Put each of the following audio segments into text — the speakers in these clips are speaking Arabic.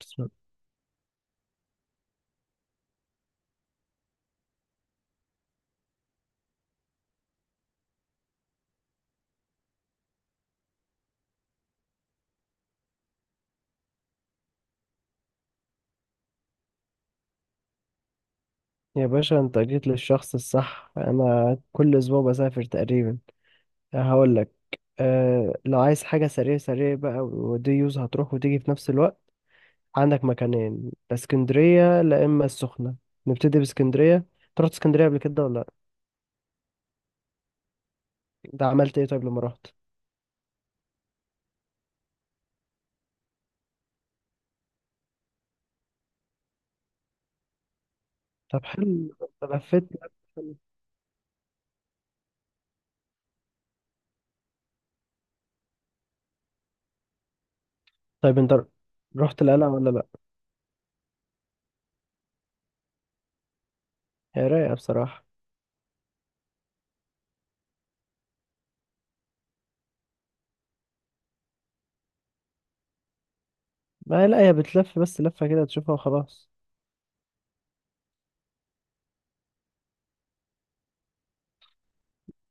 بسم الله. يا باشا، انت جيت للشخص الصح. انا كل اسبوع بسافر تقريبا. هقول لك، لو عايز حاجه سريع سريع بقى ودي يوز هتروح وتيجي في نفس الوقت. عندك مكانين، لا اسكندريه لا اما السخنه. نبتدي باسكندريه، انت رحت اسكندريه قبل كده ولا لا؟ ده عملت ايه طيب لما رحت؟ طب حلو، انت لفيت؟ طيب انت رحت القلعه ولا لا؟ هي رايقه بصراحه. ما لا، هي بتلف بس لفه كده تشوفها وخلاص.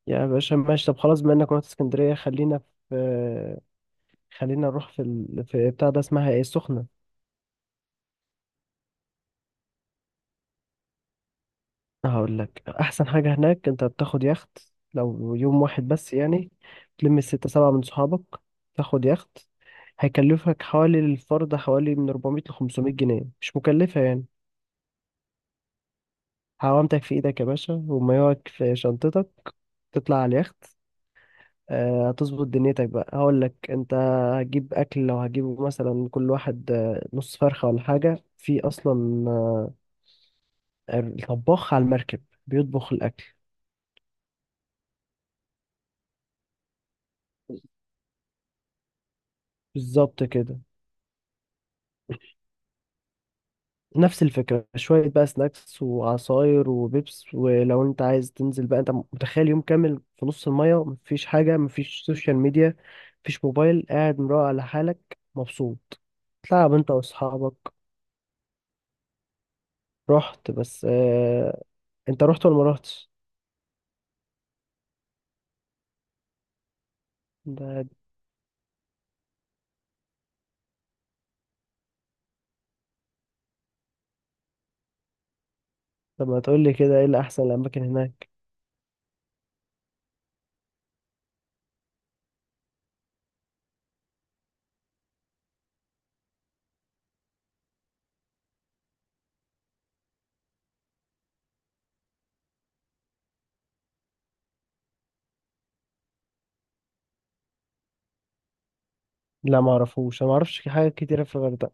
يا باشا ماشي، طب خلاص، بما انك رحت اسكندرية، في خلينا نروح في بتاع ده، اسمها ايه، السخنة. هقول لك احسن حاجة هناك، انت بتاخد يخت، لو يوم واحد بس يعني. تلم الستة سبعة من صحابك، تاخد يخت، هيكلفك حوالي الفرد حوالي من 400 ل 500 جنيه، مش مكلفة يعني. هوامتك في ايدك يا باشا، ومايوعك في شنطتك، تطلع على اليخت. هتظبط دنيتك بقى. هقول لك انت هتجيب اكل، لو هتجيبه مثلا كل واحد نص فرخه ولا حاجه في اصلا. الطباخ على المركب بيطبخ الاكل. بالظبط كده. نفس الفكره، شويه بقى سناكس وعصاير وبيبس، ولو انت عايز تنزل بقى، انت متخيل يوم كامل في نص الميه، مفيش حاجه، مفيش سوشيال ميديا، مفيش موبايل، قاعد مروق على حالك مبسوط، تلعب انت واصحابك. رحت بس اه. انت رحت ولا ما رحتش؟ ده طب ما تقول لي كده، ايه الاحسن الاماكن هناك؟ لا ما اعرفوش، انا ما اعرفش حاجه كتيره في الغردقه.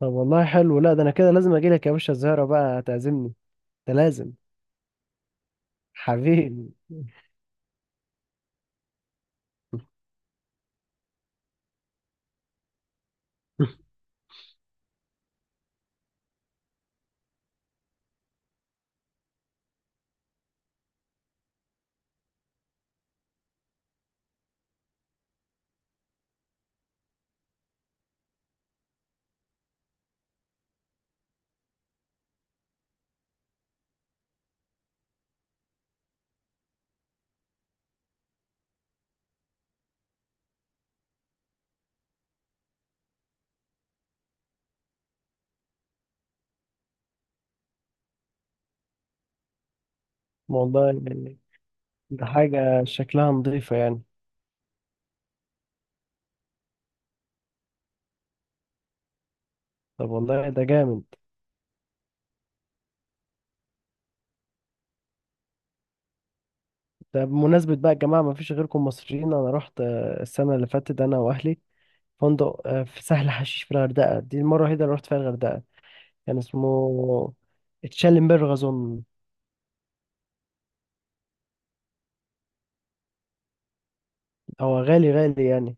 طب والله حلو، لا ده انا كده لازم اجي لك يا باشا الزهره بقى تعزمني، ده لازم. حبيبي والله ده حاجه شكلها نظيفه يعني. طب والله ده جامد. ده بمناسبه بقى الجماعه ما فيش غيركم مصريين، انا رحت السنه اللي فاتت انا واهلي، فندق في سهل حشيش في الغردقه، دي المره الوحيده اللي رحت فيها الغردقه. كان اسمه تشالنبرغ اظن. هو غالي غالي يعني.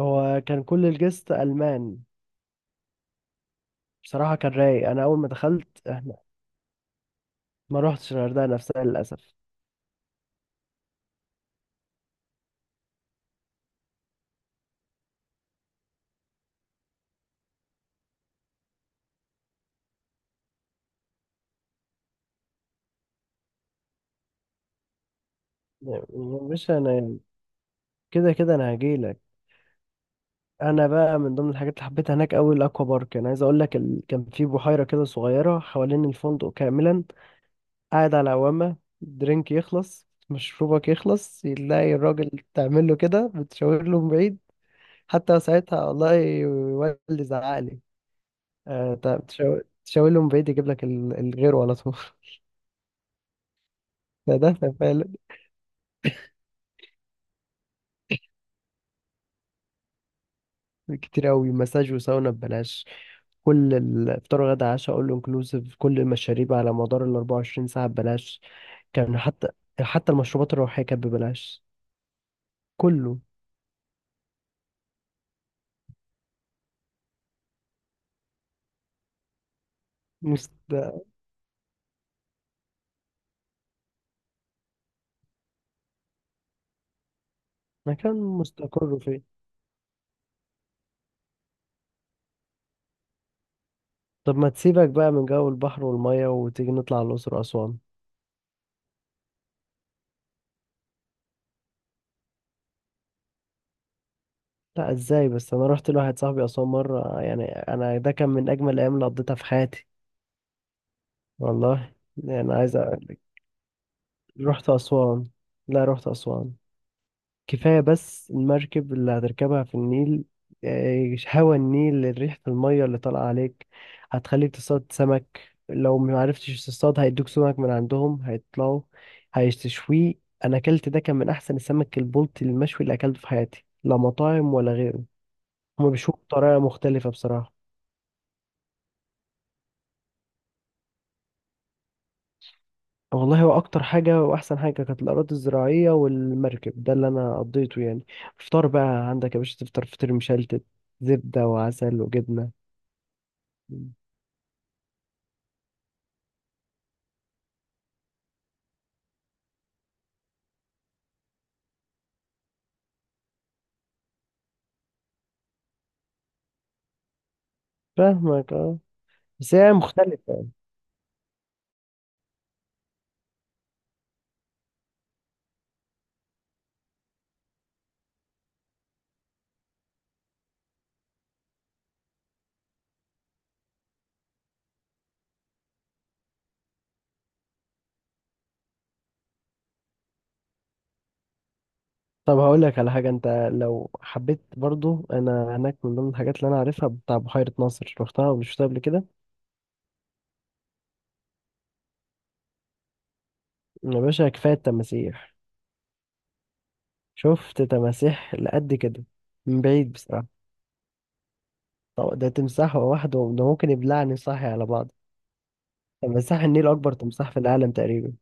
هو كان كل الجست ألمان. بصراحة كان رايق. أنا أول ما دخلت، إحنا ما روحتش الغردقة نفسها للأسف. يعني مش أنا، كده كده أنا هجيلك. أنا بقى من ضمن الحاجات اللي حبيتها هناك أوي الأكوا بارك. أنا عايز أقول لك كان في بحيرة كده صغيرة حوالين الفندق كاملا، قاعد على عوامة، درينك يخلص، مشروبك يخلص، يلاقي الراجل تعمل له كده بتشاور له من بعيد. حتى ساعتها والله والدي زعقلي. أه، تشاور تشاور له من بعيد، يجيب لك الغير على طول. ده فعلا كتير قوي، مساج وساونا ببلاش، كل الافطار وغدا عشاء اول انكلوسيف، كل المشاريب على مدار ال 24 ساعة ببلاش. كان حتى المشروبات الروحية كانت ببلاش. كله مست... مكان مستقر فيه. طب ما تسيبك بقى من جو البحر والمية، وتيجي نطلع على الأقصر وأسوان. لا ازاي بس، انا رحت لواحد صاحبي أسوان مرة، يعني انا ده كان من اجمل الايام اللي قضيتها في حياتي. والله. يعني عايز اقول لك، رحت أسوان، لا رحت أسوان كفاية بس المركب اللي هتركبها في النيل، هوا النيل، ريحة المية اللي طالعة عليك، هتخليك تصطاد سمك، لو ما عرفتش تصطاد هيدوك سمك من عندهم، هيطلعوا هيشتشويه. أنا أكلت، ده كان من أحسن السمك البلطي المشوي اللي أكلته في حياتي، لا مطاعم ولا غيره. هما بيشوفوا بطريقة مختلفة بصراحة. والله هو أكتر حاجة وأحسن حاجة كانت الأراضي الزراعية والمركب ده اللي أنا قضيته يعني. فطار بقى عندك يا باشا، تفطر فطير مشلتت، زبدة وعسل وجبنة. فاهمك اه. بس هي مختلفة. طب هقول لك على حاجة، انت لو حبيت برضو، انا هناك من ضمن الحاجات اللي انا عارفها بتاع بحيرة ناصر، رحتها ولا شفتها قبل كده؟ يا باشا كفاية التماسيح. شفت تماسيح لقد كده، من بعيد بصراحة. طب ده تمساح لوحده ده ممكن يبلعني صاحي على بعض. تمساح النيل أكبر تمساح في العالم تقريبا.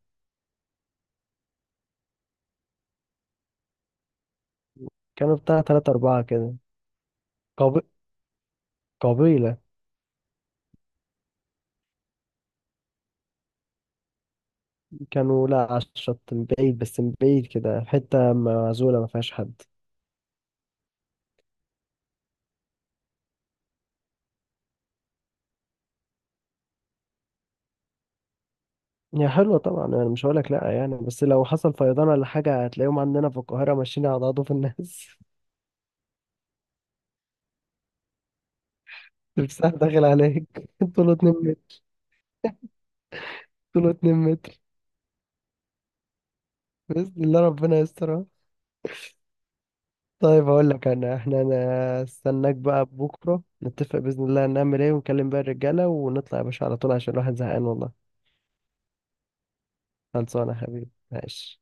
كانوا بتاع تلاتة أربعة كده. قبي... قبيلة. كانوا لا على الشط، من بعيد بس، من بعيد كده، حتة معزولة ما فيهاش حد. هي حلوة طبعا، انا مش هقولك لا يعني، بس لو حصل فيضان ولا حاجة هتلاقيهم عندنا في القاهرة ماشيين على عضوف الناس. تمساح داخل عليك طوله 2 متر. طوله 2 متر. بإذن الله ربنا يسترها. طيب هقول لك، انا احنا انا استناك بقى، بكرة نتفق بإذن الله هنعمل ايه، ونكلم بقى الرجالة ونطلع يا باشا على طول، عشان الواحد زهقان والله. خلصانة يا حبيبي ماشي.